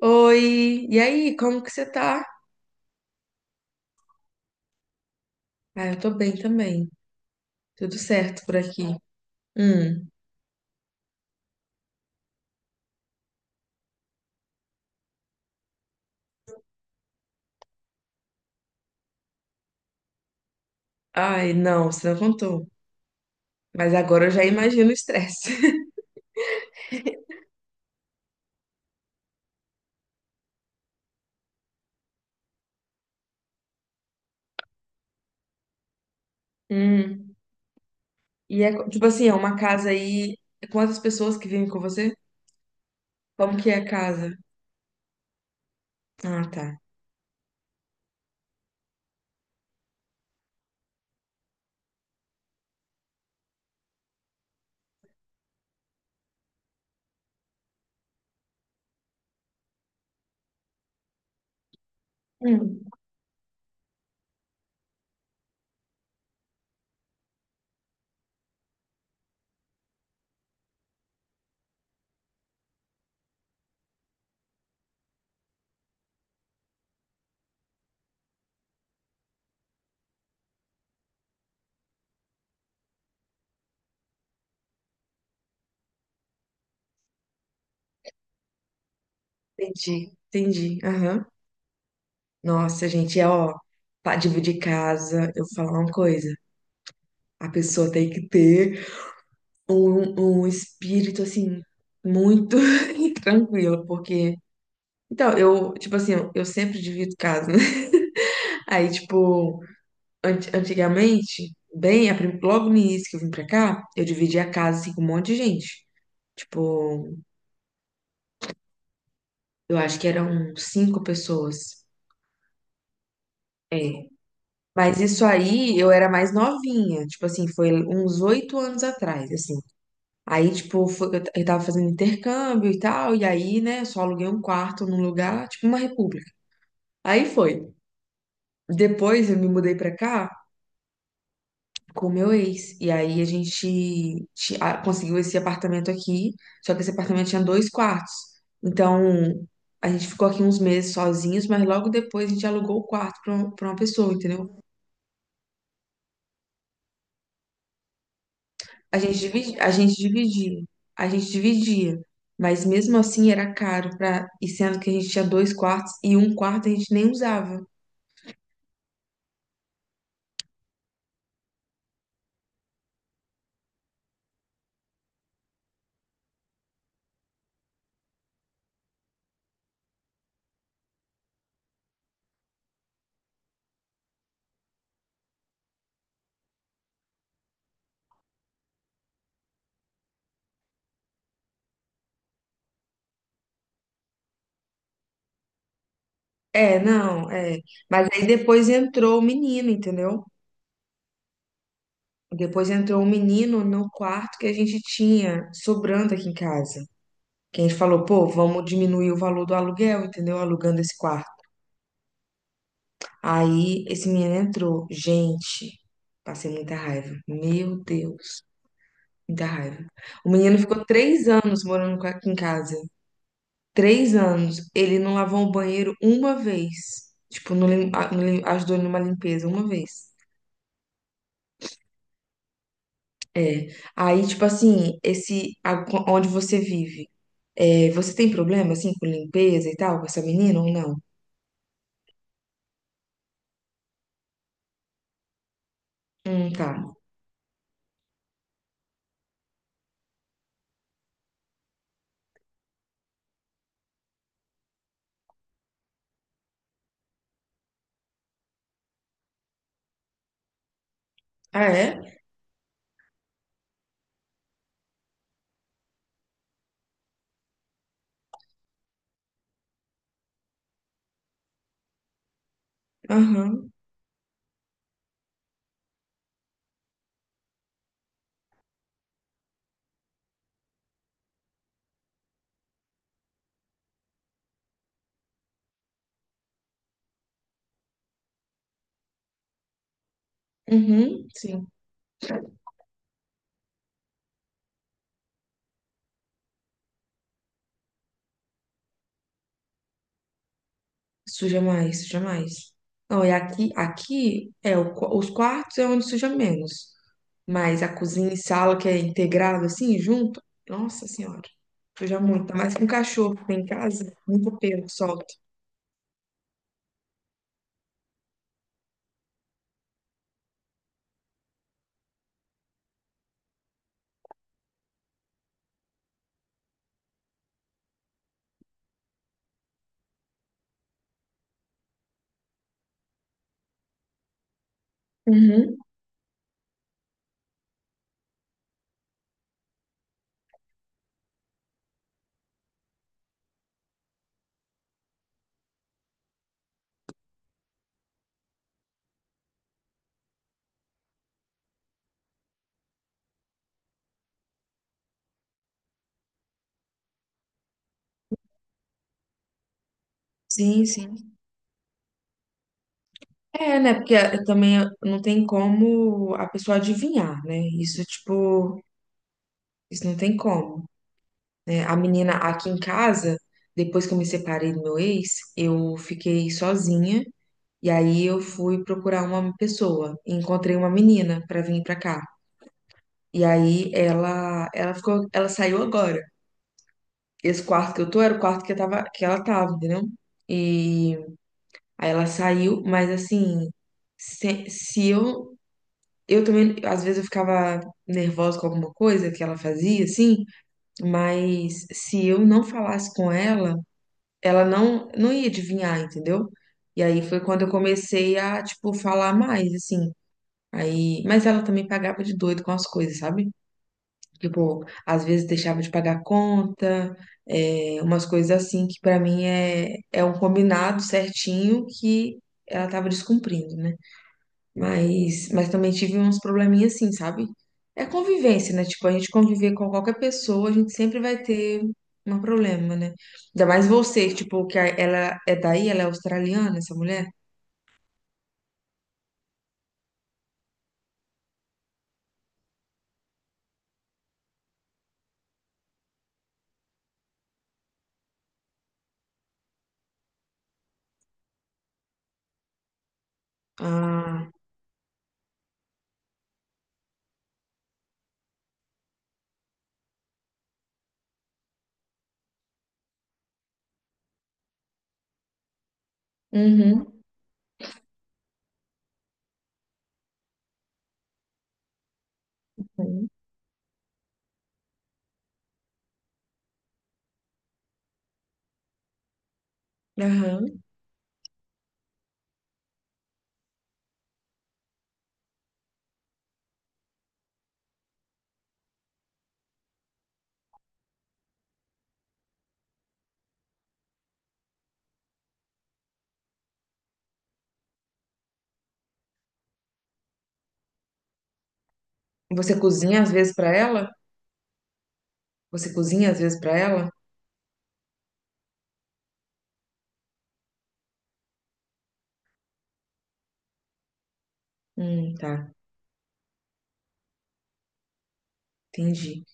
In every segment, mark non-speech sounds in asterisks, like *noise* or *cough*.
Oi, e aí, como que você tá? Ah, eu tô bem também. Tudo certo por aqui. Hum. Ai, não, você não contou. Mas agora eu já imagino o estresse. *laughs* Hum. E é, tipo assim, é uma casa aí. Quantas pessoas que vivem com você? Como que é a casa? Ah, tá. Hum. Entendi, entendi. Aham. Nossa, gente, é ó, pra dividir casa, eu vou falar uma coisa. A pessoa tem que ter um espírito assim, muito *laughs* tranquilo, porque. Então, eu, tipo assim, eu sempre divido casa, né? *laughs* Aí, tipo, antigamente, bem, logo no início que eu vim pra cá, eu dividia a casa assim, com um monte de gente. Tipo, eu acho que eram cinco pessoas. É. Mas isso aí, eu era mais novinha. Tipo assim, foi uns 8 anos atrás, assim. Aí, tipo, eu tava fazendo intercâmbio e tal, e aí, né, só aluguei um quarto num lugar, tipo uma república. Aí foi. Depois eu me mudei pra cá com o meu ex. E aí a gente conseguiu esse apartamento aqui, só que esse apartamento tinha dois quartos. Então a gente ficou aqui uns meses sozinhos, mas logo depois a gente alugou o quarto para uma pra uma pessoa, entendeu? A gente dividia, a gente dividia, a gente dividia. Mas mesmo assim era caro para, e sendo que a gente tinha dois quartos e um quarto a gente nem usava. É, não, é. Mas aí depois entrou o menino, entendeu? Depois entrou um menino no quarto que a gente tinha sobrando aqui em casa. Que a gente falou, pô, vamos diminuir o valor do aluguel, entendeu? Alugando esse quarto. Aí esse menino entrou. Gente, passei muita raiva. Meu Deus, muita raiva. O menino ficou 3 anos morando aqui em casa. 3 anos. Ele não lavou o banheiro uma vez. Tipo, não, ajudou numa limpeza uma vez. É. Aí, tipo assim, onde você vive. É, você tem problema, assim, com limpeza e tal, com essa menina ou não? Tá. Ah, é? Aham. Uhum, sim. Suja mais, suja mais. Não, e aqui, aqui é os quartos é onde suja menos. Mas a cozinha e sala que é integrado assim, junto, nossa senhora, suja muito. Ainda mais com cachorro que tem em casa, muito pelo que solta. Uhum. Sim, sim. É, né? Porque também não tem como a pessoa adivinhar, né? Isso, tipo, isso não tem como, né? A menina aqui em casa, depois que eu me separei do meu ex, eu fiquei sozinha e aí eu fui procurar uma pessoa e encontrei uma menina pra vir pra cá. E aí ela ficou, ela saiu agora. Esse quarto que eu tô era o quarto que eu tava, que ela tava, entendeu? E aí ela saiu, mas assim, se eu também às vezes eu ficava nervosa com alguma coisa que ela fazia assim, mas se eu não falasse com ela, ela não ia adivinhar, entendeu? E aí foi quando eu comecei a, tipo, falar mais, assim. Aí, mas ela também pagava de doido com as coisas, sabe? Tipo, às vezes deixava de pagar conta, é, umas coisas assim que pra mim é um combinado certinho que ela tava descumprindo, né? Mas também tive uns probleminhas assim, sabe? É convivência, né? Tipo, a gente conviver com qualquer pessoa, a gente sempre vai ter um problema, né? Ainda mais você, tipo, ela é daí, ela é australiana, essa mulher? Ah, uhum. Uhum, aham. Você cozinha às vezes pra ela? Você cozinha às vezes pra ela? Tá, entendi.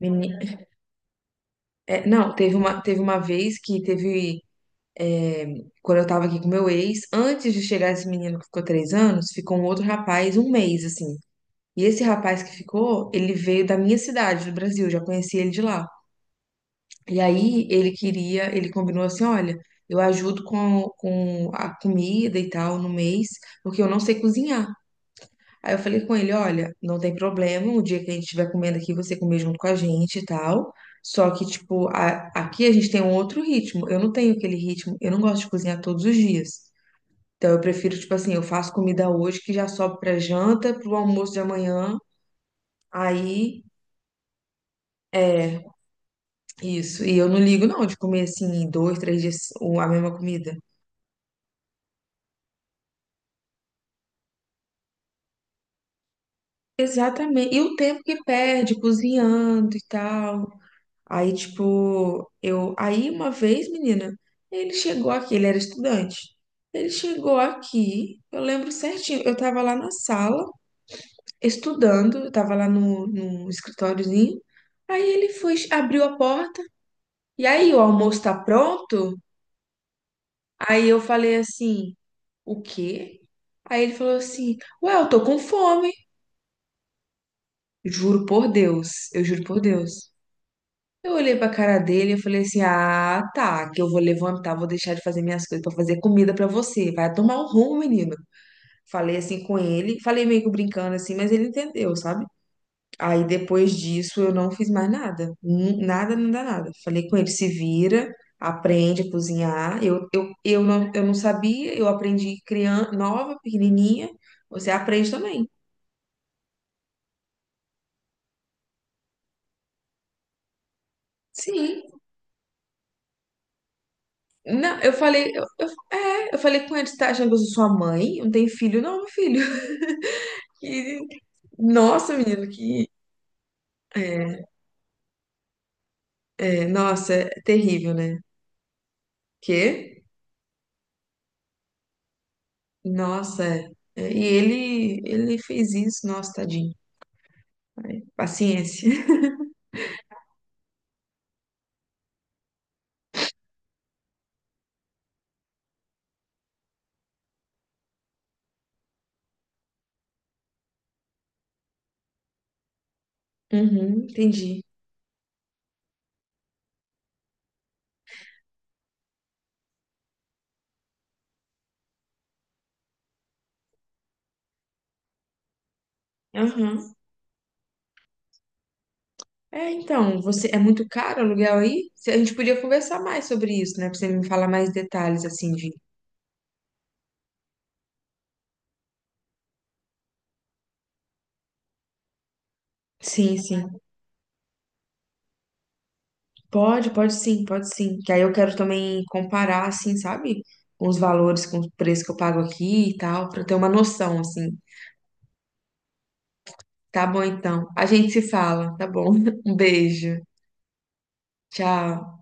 Meni- é, não, teve uma vez que é, quando eu tava aqui com meu ex, antes de chegar esse menino que ficou 3 anos, ficou um outro rapaz um mês, assim. E esse rapaz que ficou, ele veio da minha cidade, do Brasil, já conheci ele de lá. E aí ele queria, ele combinou assim, olha, eu ajudo com a comida e tal no mês, porque eu não sei cozinhar. Aí eu falei com ele, olha, não tem problema, o dia que a gente estiver comendo aqui, você comer junto com a gente e tal. Só que, tipo, aqui a gente tem um outro ritmo. Eu não tenho aquele ritmo, eu não gosto de cozinhar todos os dias. Então eu prefiro, tipo assim, eu faço comida hoje que já sobe pra janta, pro almoço de amanhã. Aí. É, isso, e eu não ligo não de comer assim dois, três dias a mesma comida. Exatamente. E o tempo que perde cozinhando e tal. Aí, tipo, eu. Aí, uma vez, menina, ele chegou aqui, ele era estudante. Ele chegou aqui, eu lembro certinho. Eu tava lá na sala, estudando, eu tava lá no escritóriozinho. Aí ele foi, abriu a porta. E aí, o almoço tá pronto? Aí eu falei assim. O quê? Aí ele falou assim: Ué, eu tô com fome. Juro por Deus, eu juro por Deus. Eu olhei pra cara dele e falei assim: Ah, tá, que eu vou levantar, vou deixar de fazer minhas coisas pra fazer comida pra você. Vai tomar um rumo, menino. Falei assim com ele, falei meio que brincando assim, mas ele entendeu, sabe? Aí depois disso eu não fiz mais nada. Nada, nada, nada. Falei com ele: se vira, aprende a cozinhar. Eu, não, eu não sabia, eu aprendi criança, nova, pequenininha. Você aprende também. Sim. Não, eu falei, eu falei com ele, tá achando que eu sou sua mãe? Eu não tem filho? Não, meu filho. *laughs* Que- nossa, menino, que. É, é, nossa, é terrível, né? Que? Nossa, é. É, e ele fez isso, nossa, tadinho. Paciência. *laughs* Uhum, entendi. Aham. É, então, você é muito caro o aluguel aí? A gente podia conversar mais sobre isso, né? Pra você me falar mais detalhes, assim, de. Sim, sim. Pode, pode sim, pode sim. Que aí eu quero também comparar, assim, sabe? Com os valores, com o preço que eu pago aqui e tal, pra eu ter uma noção, assim. Tá bom, então. A gente se fala, tá bom? *laughs* Um beijo. Tchau.